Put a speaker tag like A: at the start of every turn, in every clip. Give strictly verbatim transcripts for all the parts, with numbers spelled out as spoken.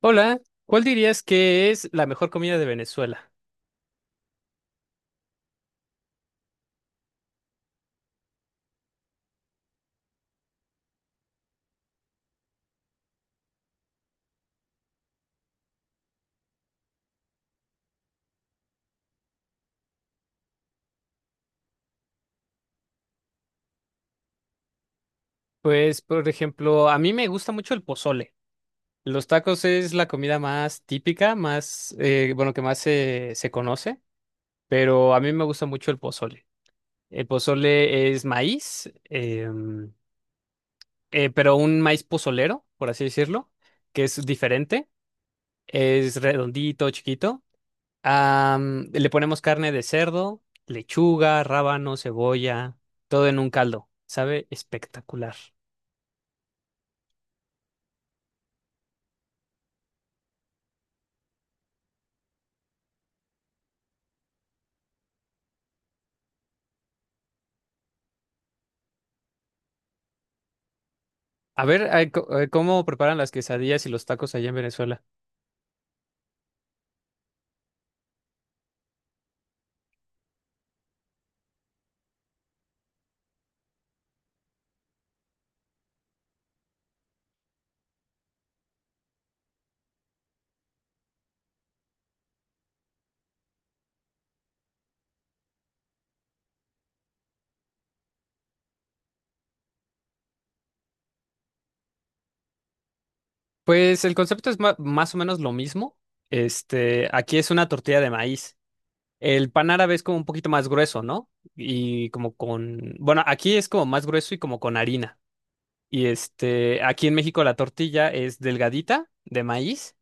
A: Hola, ¿cuál dirías que es la mejor comida de Venezuela? Pues, por ejemplo, a mí me gusta mucho el pozole. Los tacos es la comida más típica, más, eh, bueno, que más se, se conoce, pero a mí me gusta mucho el pozole. El pozole es maíz, em, eh, pero un maíz pozolero, por así decirlo, que es diferente, es redondito, chiquito. Am, le ponemos carne de cerdo, lechuga, rábano, cebolla, todo en un caldo. Sabe espectacular. A ver, ay, co- eh, ¿cómo preparan las quesadillas y los tacos allá en Venezuela? Pues el concepto es ma- más o menos lo mismo. Este, aquí es una tortilla de maíz. El pan árabe es como un poquito más grueso, ¿no? Y como con, bueno, aquí es como más grueso y como con harina. Y este, aquí en México la tortilla es delgadita de maíz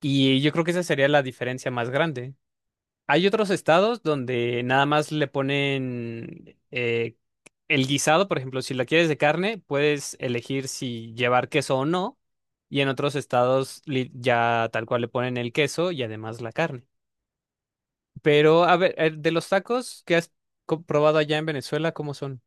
A: y yo creo que esa sería la diferencia más grande. Hay otros estados donde nada más le ponen eh, el guisado, por ejemplo, si la quieres de carne, puedes elegir si llevar queso o no, y en otros estados li- ya tal cual le ponen el queso y además la carne. Pero, a ver, eh, de los tacos que has co- probado allá en Venezuela, ¿cómo son?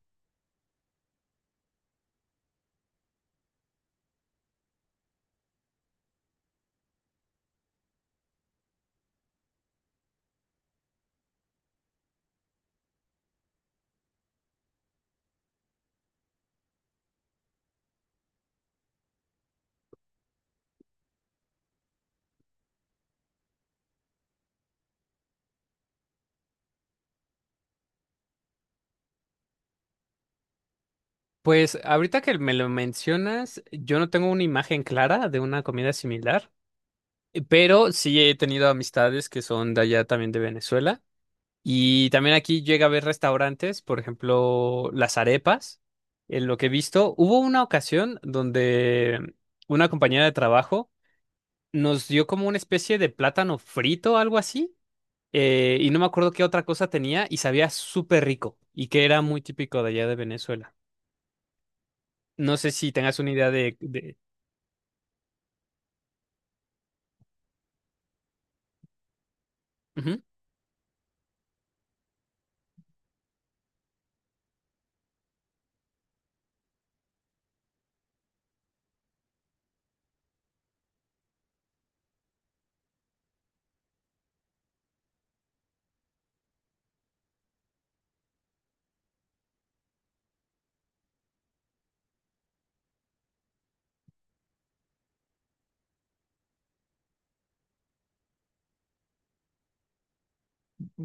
A: Pues ahorita que me lo mencionas, yo no tengo una imagen clara de una comida similar, eh, pero sí he tenido amistades que son de allá también de Venezuela. Y también aquí llega a haber restaurantes, por ejemplo, las arepas. En lo que he visto, hubo una ocasión donde una compañera de trabajo nos dio como una especie de plátano frito, algo así, eh, y no me acuerdo qué otra cosa tenía y sabía súper rico y que era muy típico de allá de Venezuela. No sé si tengas una idea de... de... Ujú.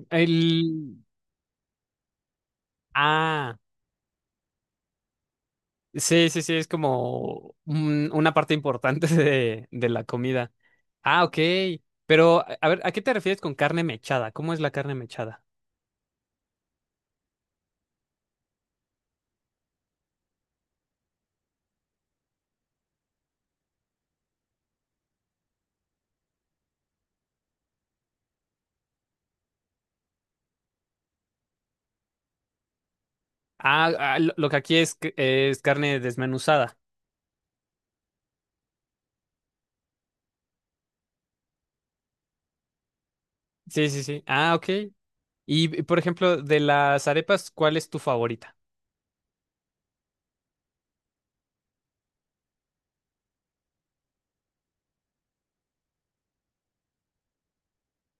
A: El... Ah. Sí, sí, sí, es como un- una parte importante de, de la comida. Ah, ok. Pero, a a ver, ¿a qué te refieres con carne mechada? ¿Cómo es la carne mechada? Ah, ah, lo lo que aquí es, c- es carne desmenuzada. Sí, sí, sí. Ah, ok. Y, y, por ejemplo, de las arepas, ¿cuál es tu favorita?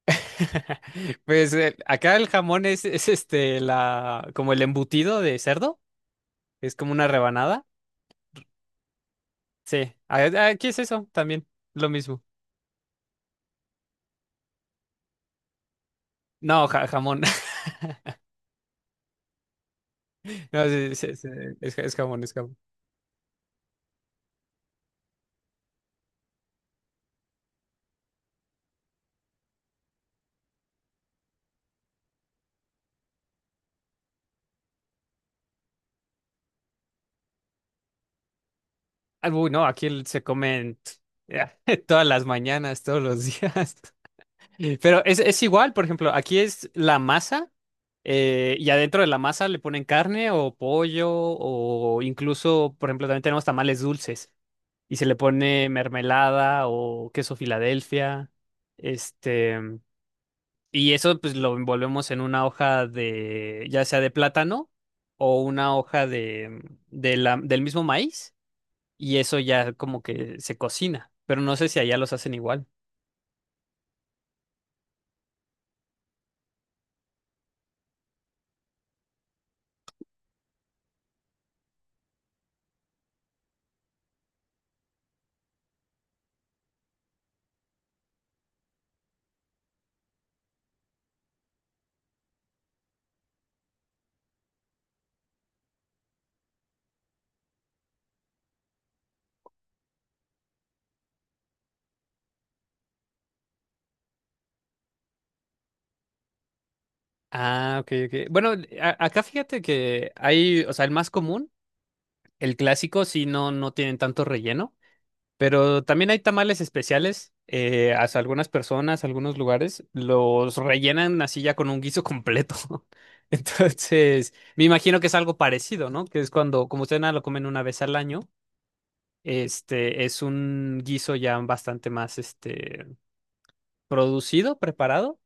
A: Pues eh, acá el jamón es, es este, la, como el embutido de cerdo, es como una rebanada. Sí, a- aquí es eso también, lo mismo. No, ja- jamón. No, sí, sí, sí, es, ja- es jamón, es jamón. Ah, uy, no, aquí el- se comen todas las mañanas, todos los días. Pero es, es igual, por ejemplo, aquí es la masa eh, y adentro de la masa le ponen carne o pollo o incluso, por ejemplo, también tenemos tamales dulces y se le pone mermelada o queso Filadelfia. Este, y eso pues lo envolvemos en una hoja de, ya sea de plátano o una hoja de, de la- del mismo maíz y eso ya como que se cocina, pero no sé si allá los hacen igual. Ah, ok, ok. Bueno, a- acá fíjate que hay, o sea, el más común, el clásico, sí, no, no tienen tanto relleno, pero también hay tamales especiales. Eh, hasta algunas personas, algunos lugares, los rellenan así ya con un guiso completo. Entonces, me imagino que es algo parecido, ¿no? Que es cuando, como ustedes nada lo comen una vez al año, este es un guiso ya bastante más, este, producido, preparado.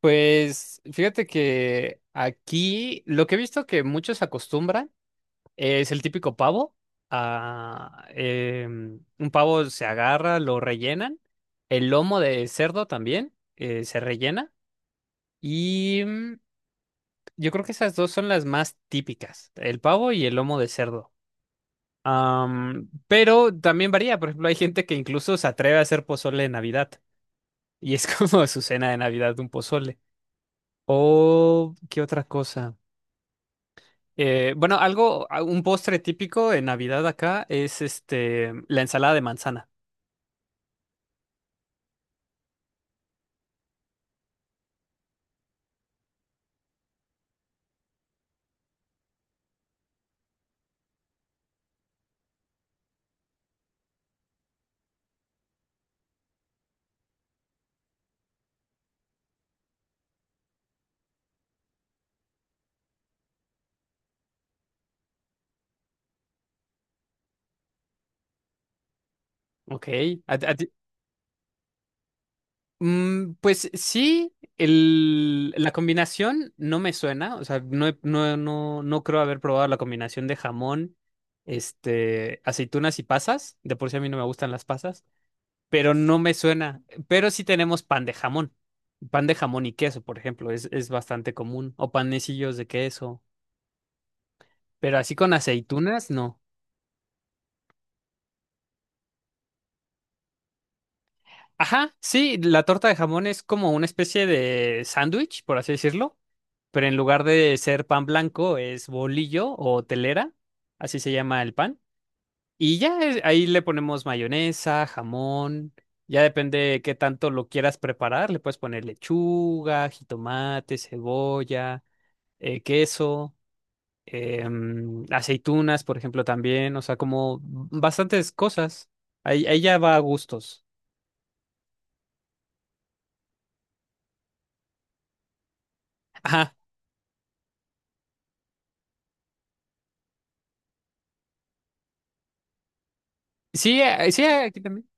A: Pues fíjate que aquí lo que he visto que muchos acostumbran es el típico pavo. Ah, em, un pavo se agarra, lo rellenan. El lomo de cerdo también eh, se rellena. Y mm, yo creo que esas dos son las más típicas, el pavo y el lomo de cerdo. Am, pero también varía, por ejemplo, hay gente que incluso se atreve a hacer pozole de Navidad. Y es como su cena de Navidad, un pozole. O, ¿qué otra cosa? Eh, bueno, algo, a- un postre típico en Navidad acá es este, la ensalada de manzana. Ok. A- a ti- mm, pues sí, el, la combinación no me suena. O sea, no, he- no, no, no creo haber probado la combinación de jamón, este, aceitunas y pasas. De por sí a mí no me gustan las pasas, pero no me suena. Pero sí tenemos pan de jamón. Pan de jamón y queso, por ejemplo, es, es bastante común. O panecillos de queso. Pero así con aceitunas, no. Ajá, sí, la torta de jamón es como una especie de sándwich, por así decirlo, pero en lugar de ser pan blanco es bolillo o telera, así se llama el pan. Y ya es- ahí le ponemos mayonesa, jamón, ya depende qué tanto lo quieras preparar, le puedes poner lechuga, jitomate, cebolla, eh, queso, em, aceitunas, por ejemplo, también, o sea, como bastantes cosas. Ahí, ahí ya va a gustos. Ajá. Sí, eh, sí, eh, aquí también.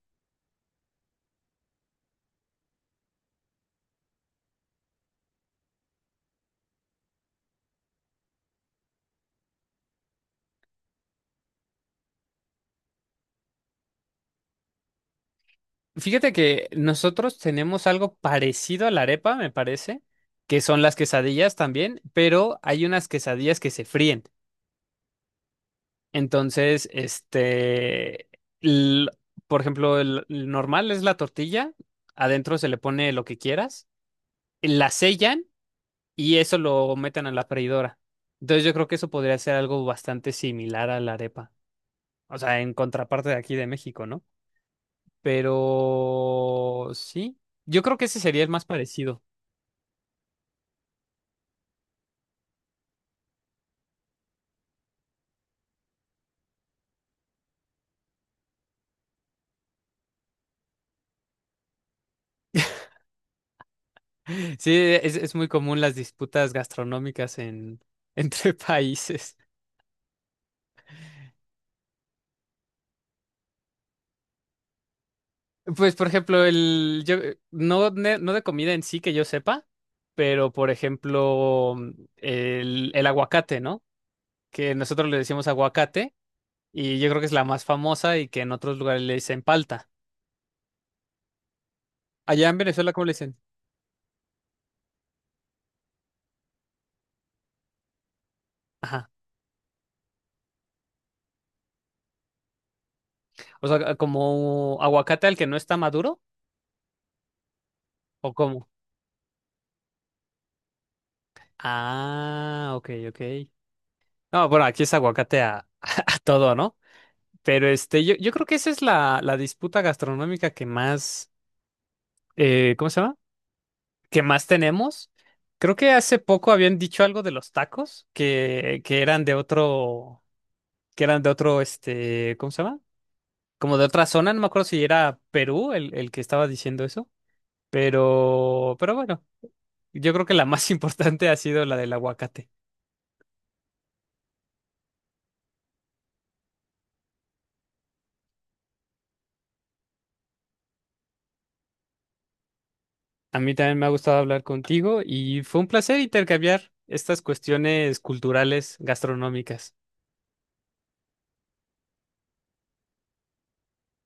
A: Fíjate que nosotros tenemos algo parecido a la arepa, me parece, que son las quesadillas también, pero hay unas quesadillas que se fríen. Entonces, este, l- por ejemplo, el, el, normal es la tortilla, adentro se le pone lo que quieras, la sellan y eso lo meten a la freidora. Entonces, yo creo que eso podría ser algo bastante similar a la arepa, o sea, en contraparte de aquí de México, ¿no? Pero sí, yo creo que ese sería el más parecido. Sí, es, es muy común las disputas gastronómicas en, entre países. Pues, por ejemplo, el, yo, eh, no, ne- no de comida en sí que yo sepa, pero, por ejemplo, mm, el, el aguacate, ¿no? Que nosotros le decimos aguacate y yo creo que es la más famosa y que en otros lugares le dicen palta. Allá en Venezuela, ¿cómo le dicen? Ajá. O sea, como aguacate al que no está maduro o cómo. Ah, ok, ok. No, bueno, aquí es aguacate a, a todo, ¿no? Pero este, yo, yo creo que esa es la, la disputa gastronómica que más, eh, ¿cómo se llama? Que más tenemos. Creo que hace poco habían dicho algo de los tacos que, que eran de otro, que eran de otro, este, ¿cómo se llama? Como de otra zona, no me acuerdo si era Perú el, el, que estaba diciendo eso, pero, pero bueno, yo creo que la más importante ha sido la del aguacate. A mí también me ha gustado hablar contigo y fue un placer intercambiar estas cuestiones culturales gastronómicas.